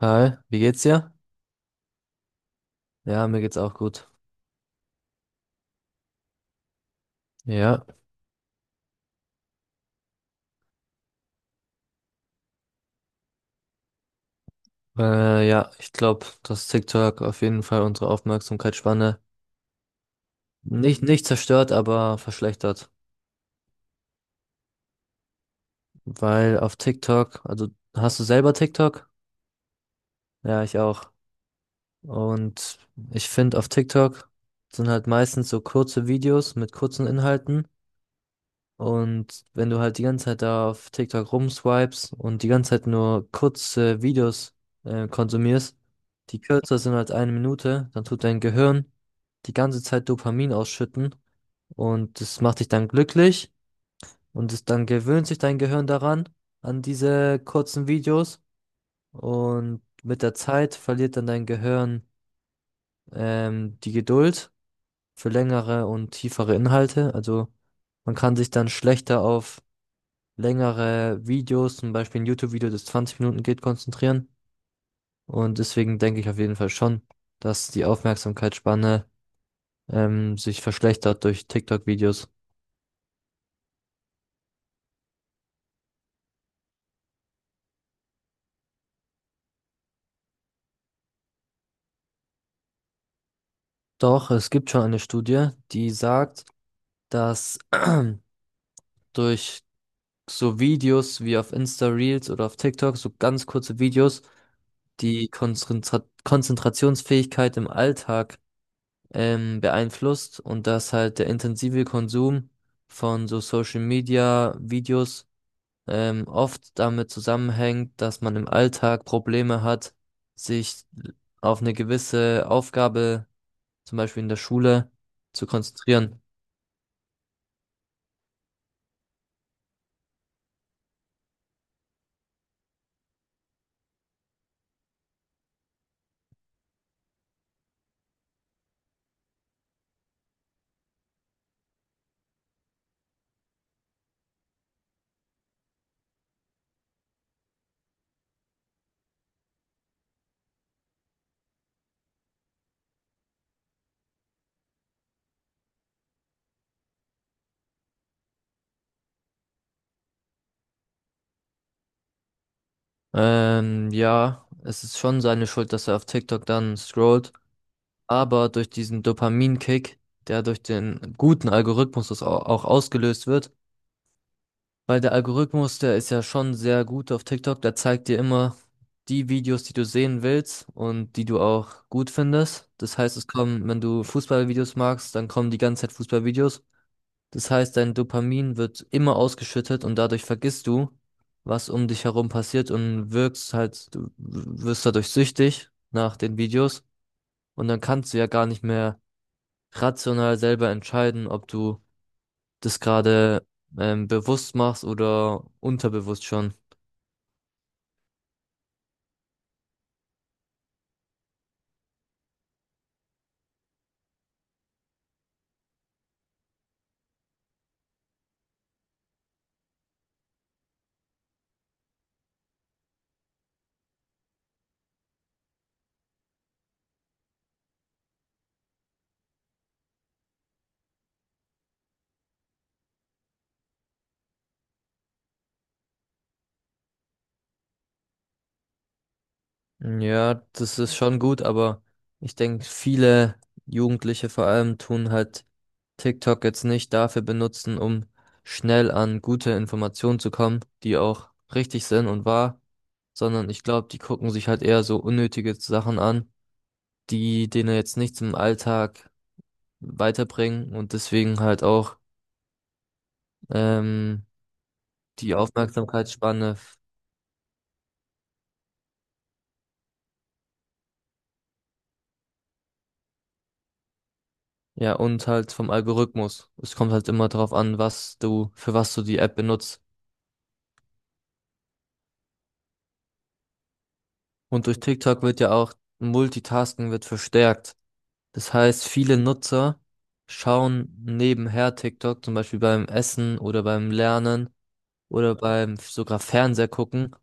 Hi, wie geht's dir? Ja, mir geht's auch gut. Ja, ja, ich glaube, dass TikTok auf jeden Fall unsere Aufmerksamkeitsspanne nicht zerstört, aber verschlechtert. Weil auf TikTok, also, hast du selber TikTok? Ja, ich auch. Und ich finde, auf TikTok sind halt meistens so kurze Videos mit kurzen Inhalten. Und wenn du halt die ganze Zeit da auf TikTok rumswipes und die ganze Zeit nur kurze Videos konsumierst, die kürzer sind als eine Minute, dann tut dein Gehirn die ganze Zeit Dopamin ausschütten und das macht dich dann glücklich und es dann gewöhnt sich dein Gehirn daran, an diese kurzen Videos, und mit der Zeit verliert dann dein Gehirn die Geduld für längere und tiefere Inhalte. Also, man kann sich dann schlechter auf längere Videos, zum Beispiel ein YouTube-Video, das 20 Minuten geht, konzentrieren. Und deswegen denke ich auf jeden Fall schon, dass die Aufmerksamkeitsspanne sich verschlechtert durch TikTok-Videos. Doch, es gibt schon eine Studie, die sagt, dass durch so Videos wie auf Insta Reels oder auf TikTok, so ganz kurze Videos, die Konzentrationsfähigkeit im Alltag beeinflusst und dass halt der intensive Konsum von so Social Media Videos oft damit zusammenhängt, dass man im Alltag Probleme hat, sich auf eine gewisse Aufgabe, zum Beispiel in der Schule, zu konzentrieren. Ja, es ist schon seine Schuld, dass er auf TikTok dann scrollt, aber durch diesen Dopaminkick, der durch den guten Algorithmus auch ausgelöst wird. Weil der Algorithmus, der ist ja schon sehr gut auf TikTok, der zeigt dir immer die Videos, die du sehen willst und die du auch gut findest. Das heißt, es kommen, wenn du Fußballvideos magst, dann kommen die ganze Zeit Fußballvideos. Das heißt, dein Dopamin wird immer ausgeschüttet und dadurch vergisst du, was um dich herum passiert, und wirkst halt, du wirst dadurch süchtig nach den Videos und dann kannst du ja gar nicht mehr rational selber entscheiden, ob du das gerade bewusst machst oder unterbewusst schon. Ja, das ist schon gut, aber ich denke, viele Jugendliche vor allem tun halt TikTok jetzt nicht dafür benutzen, um schnell an gute Informationen zu kommen, die auch richtig sind und wahr, sondern ich glaube, die gucken sich halt eher so unnötige Sachen an, die denen jetzt nichts im Alltag weiterbringen und deswegen halt auch ähm, die Aufmerksamkeitsspanne, ja, und halt vom Algorithmus. Es kommt halt immer darauf an, was du, für was du die App benutzt. Und durch TikTok wird ja auch Multitasking wird verstärkt. Das heißt, viele Nutzer schauen nebenher TikTok, zum Beispiel beim Essen oder beim Lernen oder beim sogar Fernseher gucken,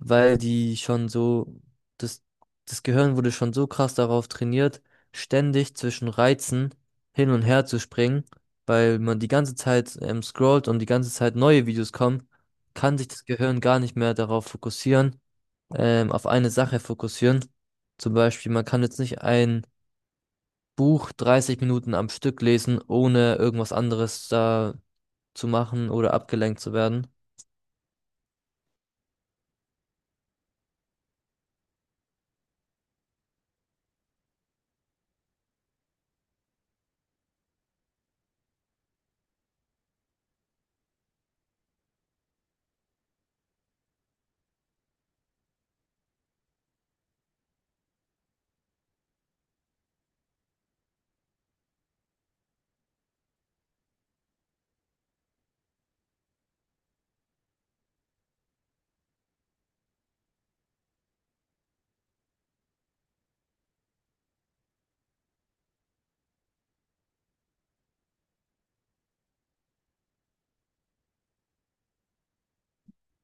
weil die schon so, das, das Gehirn wurde schon so krass darauf trainiert, ständig zwischen Reizen hin und her zu springen. Weil man die ganze Zeit scrollt und die ganze Zeit neue Videos kommen, kann sich das Gehirn gar nicht mehr darauf fokussieren, auf eine Sache fokussieren. Zum Beispiel, man kann jetzt nicht ein Buch 30 Minuten am Stück lesen, ohne irgendwas anderes da zu machen oder abgelenkt zu werden.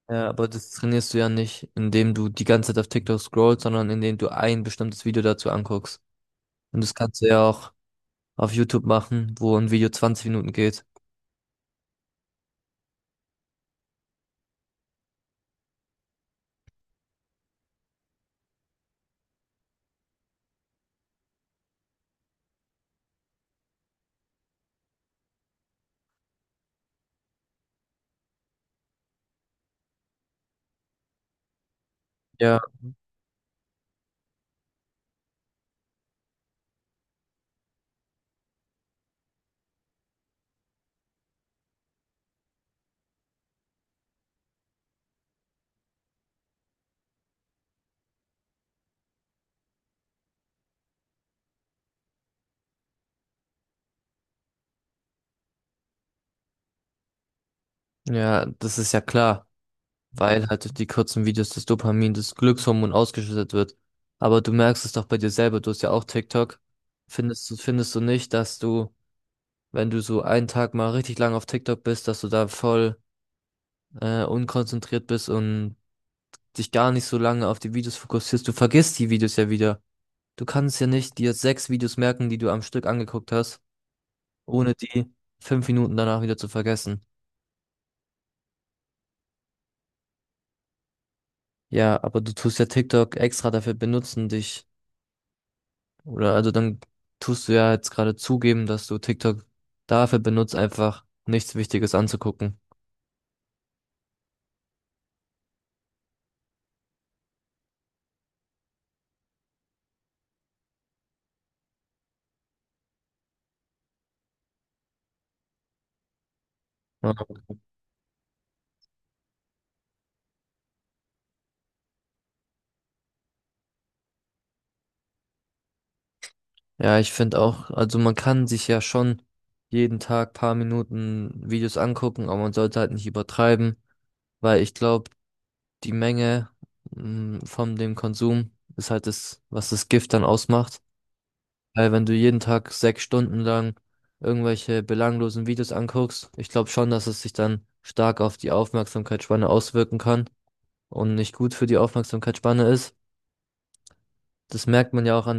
Ja, aber das trainierst du ja nicht, indem du die ganze Zeit auf TikTok scrollst, sondern indem du ein bestimmtes Video dazu anguckst. Und das kannst du ja auch auf YouTube machen, wo ein Video 20 Minuten geht. Ja, ja, das ist ja klar. Weil halt durch die kurzen Videos das Dopamin, das Glückshormon, ausgeschüttet wird. Aber du merkst es doch bei dir selber, du hast ja auch TikTok. Findest du nicht, dass du, wenn du so einen Tag mal richtig lang auf TikTok bist, dass du da voll unkonzentriert bist und dich gar nicht so lange auf die Videos fokussierst? Du vergisst die Videos ja wieder. Du kannst ja nicht dir sechs Videos merken, die du am Stück angeguckt hast, ohne die 5 Minuten danach wieder zu vergessen. Ja, aber du tust ja TikTok extra dafür benutzen, dich. Oder also, dann tust du ja jetzt gerade zugeben, dass du TikTok dafür benutzt, einfach nichts Wichtiges anzugucken. Ja, ja, ich finde auch, also man kann sich ja schon jeden Tag paar Minuten Videos angucken, aber man sollte halt nicht übertreiben, weil ich glaube, die Menge von dem Konsum ist halt das, was das Gift dann ausmacht. Weil wenn du jeden Tag 6 Stunden lang irgendwelche belanglosen Videos anguckst, ich glaube schon, dass es sich dann stark auf die Aufmerksamkeitsspanne auswirken kann und nicht gut für die Aufmerksamkeitsspanne ist. Das merkt man ja auch an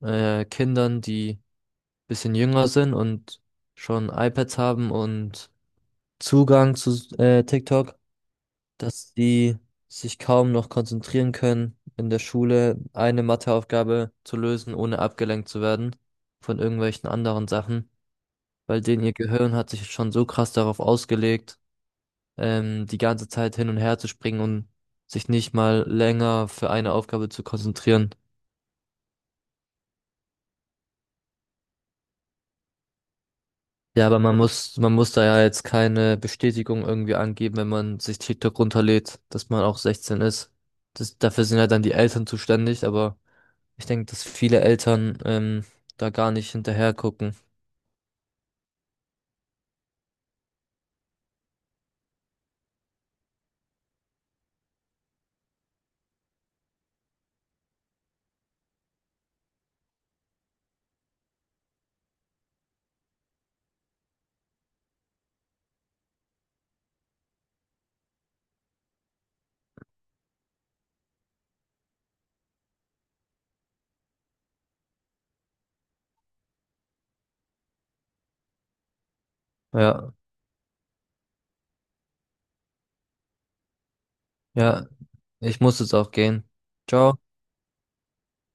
den Kindern, die ein bisschen jünger sind und schon iPads haben und Zugang zu TikTok, dass die sich kaum noch konzentrieren können, in der Schule eine Matheaufgabe zu lösen, ohne abgelenkt zu werden von irgendwelchen anderen Sachen, weil denen ihr Gehirn hat sich schon so krass darauf ausgelegt, die ganze Zeit hin und her zu springen und sich nicht mal länger für eine Aufgabe zu konzentrieren. Ja, aber man muss da ja jetzt keine Bestätigung irgendwie angeben, wenn man sich TikTok runterlädt, dass man auch 16 ist. Das, dafür sind ja dann die Eltern zuständig, aber ich denke, dass viele Eltern da gar nicht hinterher gucken. Ja, ja, ich muss jetzt auch gehen. Ciao.